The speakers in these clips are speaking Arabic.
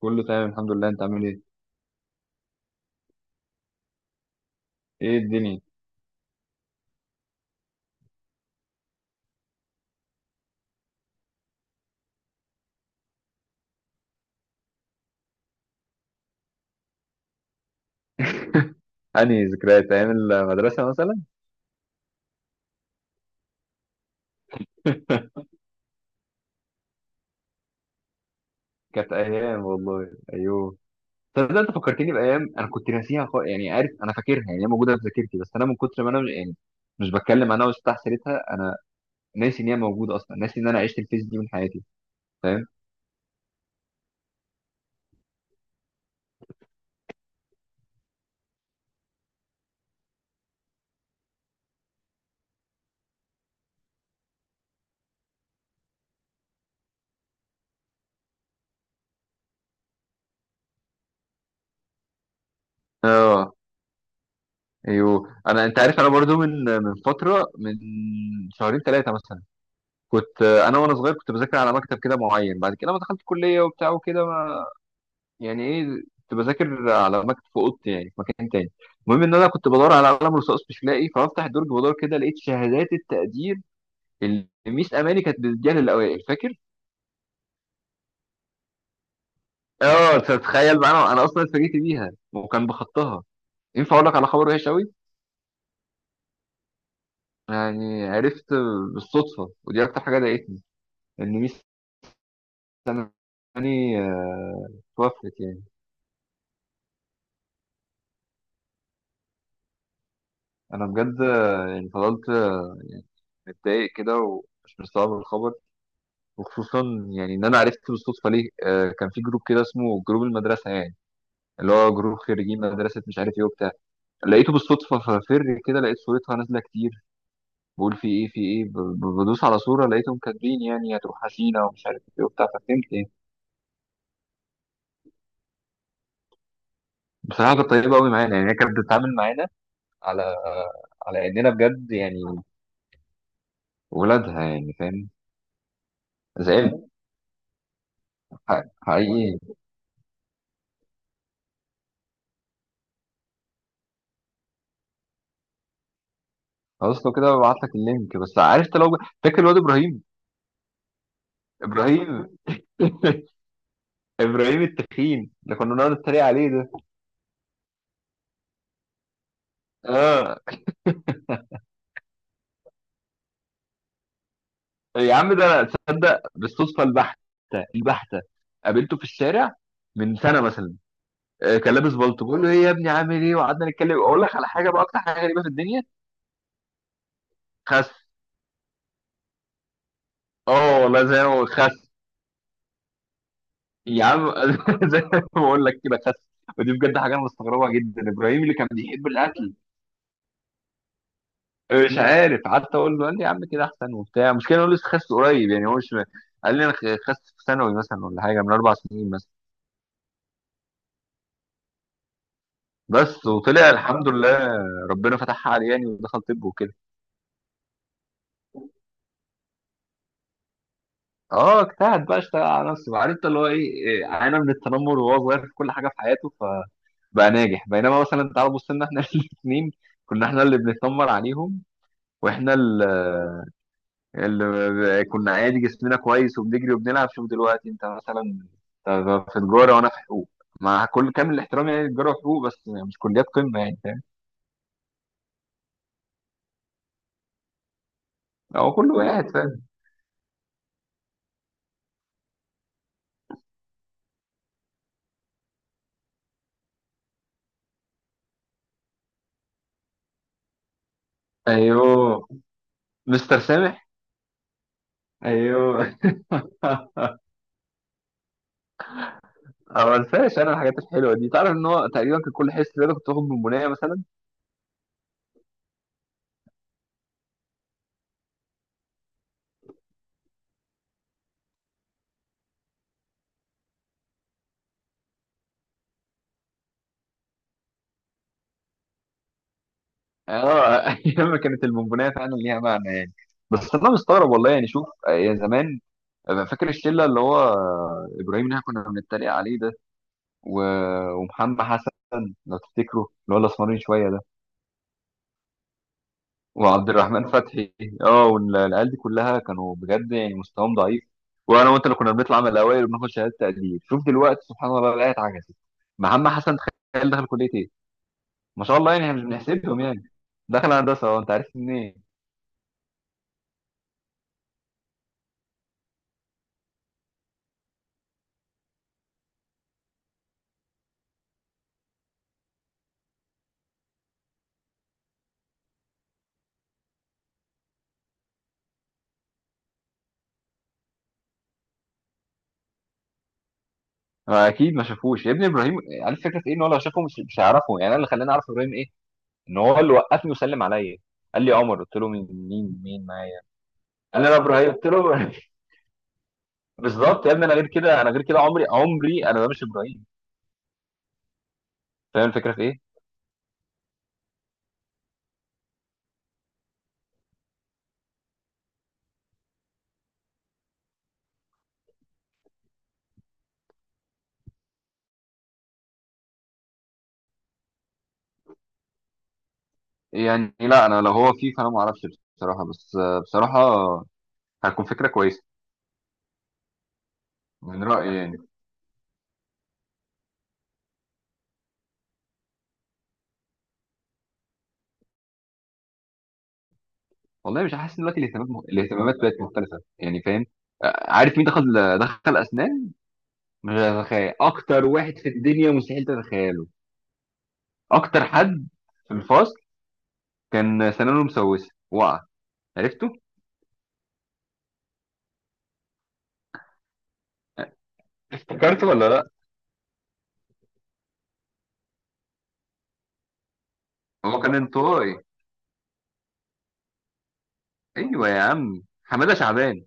كله تمام، الحمد لله. انت عامل ايه؟ ايه الدنيا؟ أنهي ذكريات؟ أيام المدرسة مثلا؟ كانت ايام، والله. ايوه، تصدق انت فكرتني بايام انا كنت ناسيها خالص. يعني عارف، انا فاكرها، يعني هي موجوده في ذاكرتي، بس انا من كتر ما انا مش بتكلم عنها واستح سيرتها. انا ناسي ان هي موجوده اصلا، ناسي ان انا عشت الفيز دي من حياتي، فاهم؟ آه أيوه، أنا أنت عارف أنا برضو من فترة، من شهرين ثلاثة مثلا. كنت أنا وأنا صغير كنت بذاكر على مكتب كده معين. بعد كده، لما دخلت كلية وبتاع وكده، يعني ايه، كنت بذاكر على مكتب في اوضتي، يعني في مكان تاني. المهم ان انا كنت بدور على قلم رصاص مش لاقي، فبفتح الدرج بدور كده، لقيت شهادات التقدير اللي ميس اماني كانت بتديها للاوائل. فاكر؟ اه، تتخيل؟ معانا انا اصلا اتفاجئت بيها، وكان بخطها. ينفع اقول لك على خبر وحش قوي؟ يعني عرفت بالصدفه، ودي اكتر حاجه ضايقتني، ان ميس اماني توفت يعني. انا بجد يعني فضلت يعني متضايق كده ومش مستوعب الخبر. وخصوصا يعني ان انا عرفت بالصدفه ليه. كان في جروب كده اسمه جروب المدرسه يعني، اللي هو جروب خريجين مدرسه، مش عارف ايه وبتاع. لقيته بالصدفه، ففر كده لقيت صورتها نازله كتير، بقول في ايه، في ايه، بدوس على صوره، لقيتهم كاتبين يعني هتروح حسينا ومش عارف ايه وبتاع، ففهمت يعني. بصراحه كانت طيبه قوي معانا، يعني هي كانت بتتعامل معانا على اننا بجد يعني ولادها، يعني فاهم. زعلت حقيقي. خلاص لو كده، ببعت لك اللينك بس عرفت. لو فاكر الواد ابراهيم، ابراهيم، ابراهيم التخين اللي كنا بنقعد نتريق عليه ده. اه يا عم، ده انا تصدق بالصدفه البحته، البحته قابلته في الشارع من سنه مثلا. كان لابس بلطو، بقول له ايه يا ابني عامل ايه، وقعدنا نتكلم. اقول لك على حاجه بقى، اكتر حاجه غريبه في الدنيا: خس. اه والله زي ما هو، خس. يا عم زي ما بقول لك كده، خس. ودي بجد حاجه انا مستغربها جدا، ابراهيم اللي كان بيحب الاكل. مش عارف، قعدت اقول له، قال لي يا عم كده احسن وبتاع. مشكله إن هو لسه خس قريب، يعني هو مش، قال لي انا خست في ثانوي مثلا ولا حاجه، من 4 سنين مثلا بس. وطلع الحمد لله، ربنا فتحها عليه يعني، ودخل طب وكده. اه، اجتهد بقى، اشتغل على نفسه، عارف انت اللي هو ايه. عانى من التنمر وهو صغير في كل حاجه في حياته، فبقى ناجح. بينما مثلا تعال بص لنا احنا الاثنين كنا احنا اللي بنتنمر عليهم. واحنا اللي كنا عادي جسمنا كويس وبنجري وبنلعب. شوف دلوقتي انت مثلا، أنت في تجاره وانا في حقوق، مع كل كامل الاحترام يعني. تجاره وحقوق بس مش كليات قمه، يعني فاهم. هو كله قاعد، فاهم. ايوه، مستر سامح. ايوه أنا ما انساش انا الحاجات الحلوه دي، تعرف ان هو تقريبا كان كل حصه رياضه كنت باخد بونبونيه مثلا. اه ايام ما كانت البونبونيه فعلا ليها معنى يعني. بس انا مستغرب، والله، يعني شوف يا زمان. فاكر الشله؟ اللي هو ابراهيم اللي إحنا كنا بنتريق عليه ده، و... ومحمد حسن، لو تفتكروا اللي هو الاسمرين شويه ده، وعبد الرحمن فتحي. اه، والعيال دي كلها كانوا بجد يعني مستواهم ضعيف. وانا وانت اللي كنا بنطلع من الاوائل وبناخد شهاده تقدير. شوف دلوقتي سبحان الله، الايه اتعكست. محمد حسن تخيل دخل كليه ايه؟ ما شاء الله يعني، احنا مش بنحسبهم يعني. دخل هندسه. اه، انت عارف منين. اكيد ما شافوش يا ابني ابراهيم. عارف الفكره في ايه، ان هو لو شافه مش هيعرفه. يعني انا اللي خلاني اعرف ابراهيم ايه، ان هو اللي وقفني وسلم عليا. قال لي يا عمر، قلت له مين، مين مين معايا؟ قال لي انا ابراهيم. قلت له بالظبط يا ابني، انا غير كده، انا غير كده، عمري عمري انا ما، مش ابراهيم. فاهم الفكره في ايه؟ يعني لا، انا لو هو فيه فانا ما اعرفش بصراحه. بس بصراحه هتكون فكره كويسه، من رايي يعني. والله مش حاسس إن دلوقتي الاهتمامات الاهتمامات بقت مختلفه، يعني فاهم. عارف مين دخل، دخل اسنان؟ مش هتتخيل، اكتر واحد في الدنيا مستحيل تتخيله. اكتر حد في الفصل كان سنانه مسوسه وقع. عرفته؟ افتكرت ولا لا؟ هو كان انطوائي. ايوه يا عم، حماده شعبان.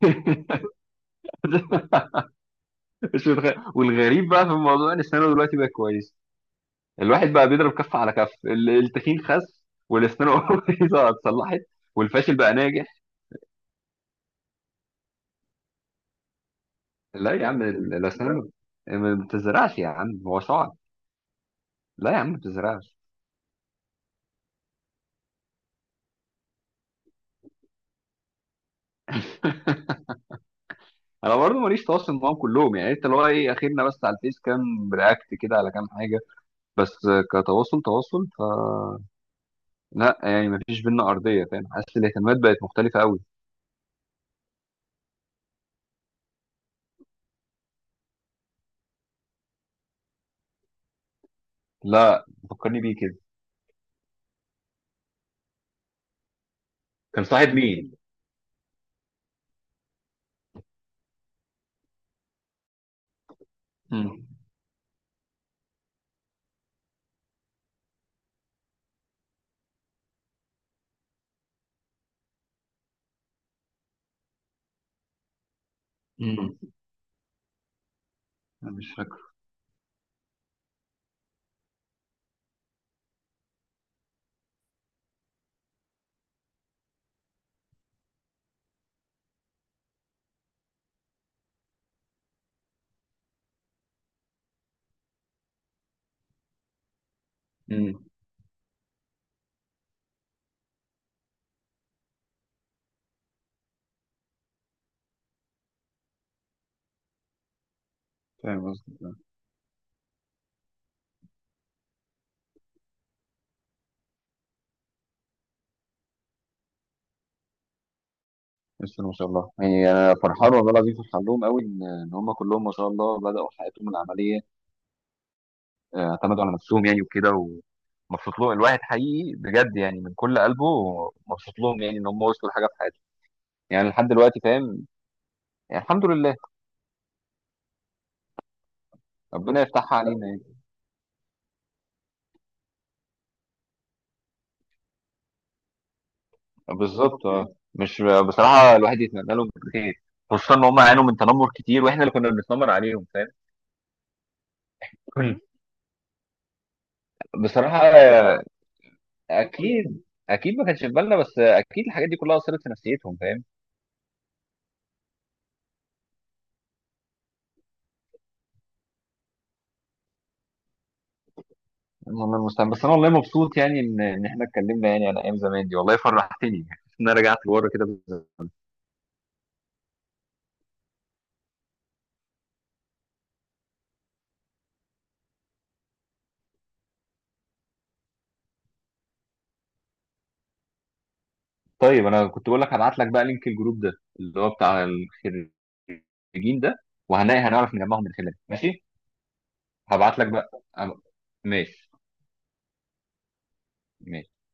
مش متخيل. والغريب بقى في الموضوع ان سنانه دلوقتي بقى كويس. الواحد بقى بيضرب كف على كف. التخين خس، والاسنان بايظه اتصلحت، والفاشل بقى ناجح. لا يا عم، الاسنان ما بتزرعش، يا عم هو شعر. لا يا عم، ما بتزرعش. انا برضو ماليش تواصل معاهم كلهم، يعني انت اللي هو ايه، اخرنا بس على الفيس كام رياكت كده على كام حاجه. بس كتواصل تواصل، فلا، يعني ما فيش بينا ارضيه. فاهم؟ حاسس الاهتمامات بقت مختلفه قوي. لا، فكرني بيه كده. كان صاحب مين؟ امم امم مش فاكر. امم فاهم قصدي. بس ما شاء الله يعني، انا فرحان والله العظيم، فرحان لهم قوي، ان هم كلهم ما شاء الله بداوا حياتهم العمليه، اعتمدوا على نفسهم يعني وكده. ومبسوط لهم الواحد حقيقي بجد، يعني من كل قلبه مبسوط لهم، يعني ان هم وصلوا لحاجه في حياتهم، يعني لحد دلوقتي، فاهم. يعني الحمد لله، ربنا يفتحها علينا يعني. بالظبط مش، بصراحه الواحد يتمنى لهم خير، خصوصا ان هم عانوا من تنمر كتير واحنا اللي كنا بنتنمر عليهم، فاهم. مم. بصراحه اكيد، اكيد ما كانش في بالنا، بس اكيد الحاجات دي كلها اثرت في نفسيتهم، فاهم. والله المستعان. بس انا والله مبسوط يعني، ان احنا اتكلمنا يعني على ايام زمان دي، والله فرحتني يعني ان انا رجعت لورا كده بالزمن. طيب، انا كنت بقول لك هبعت لك بقى لينك الجروب ده، اللي هو بتاع الخريجين ده. وهنلاقي، هنعرف نجمعهم من خلاله، ماشي. هبعت لك بقى. أنا- ماشي، ماشي.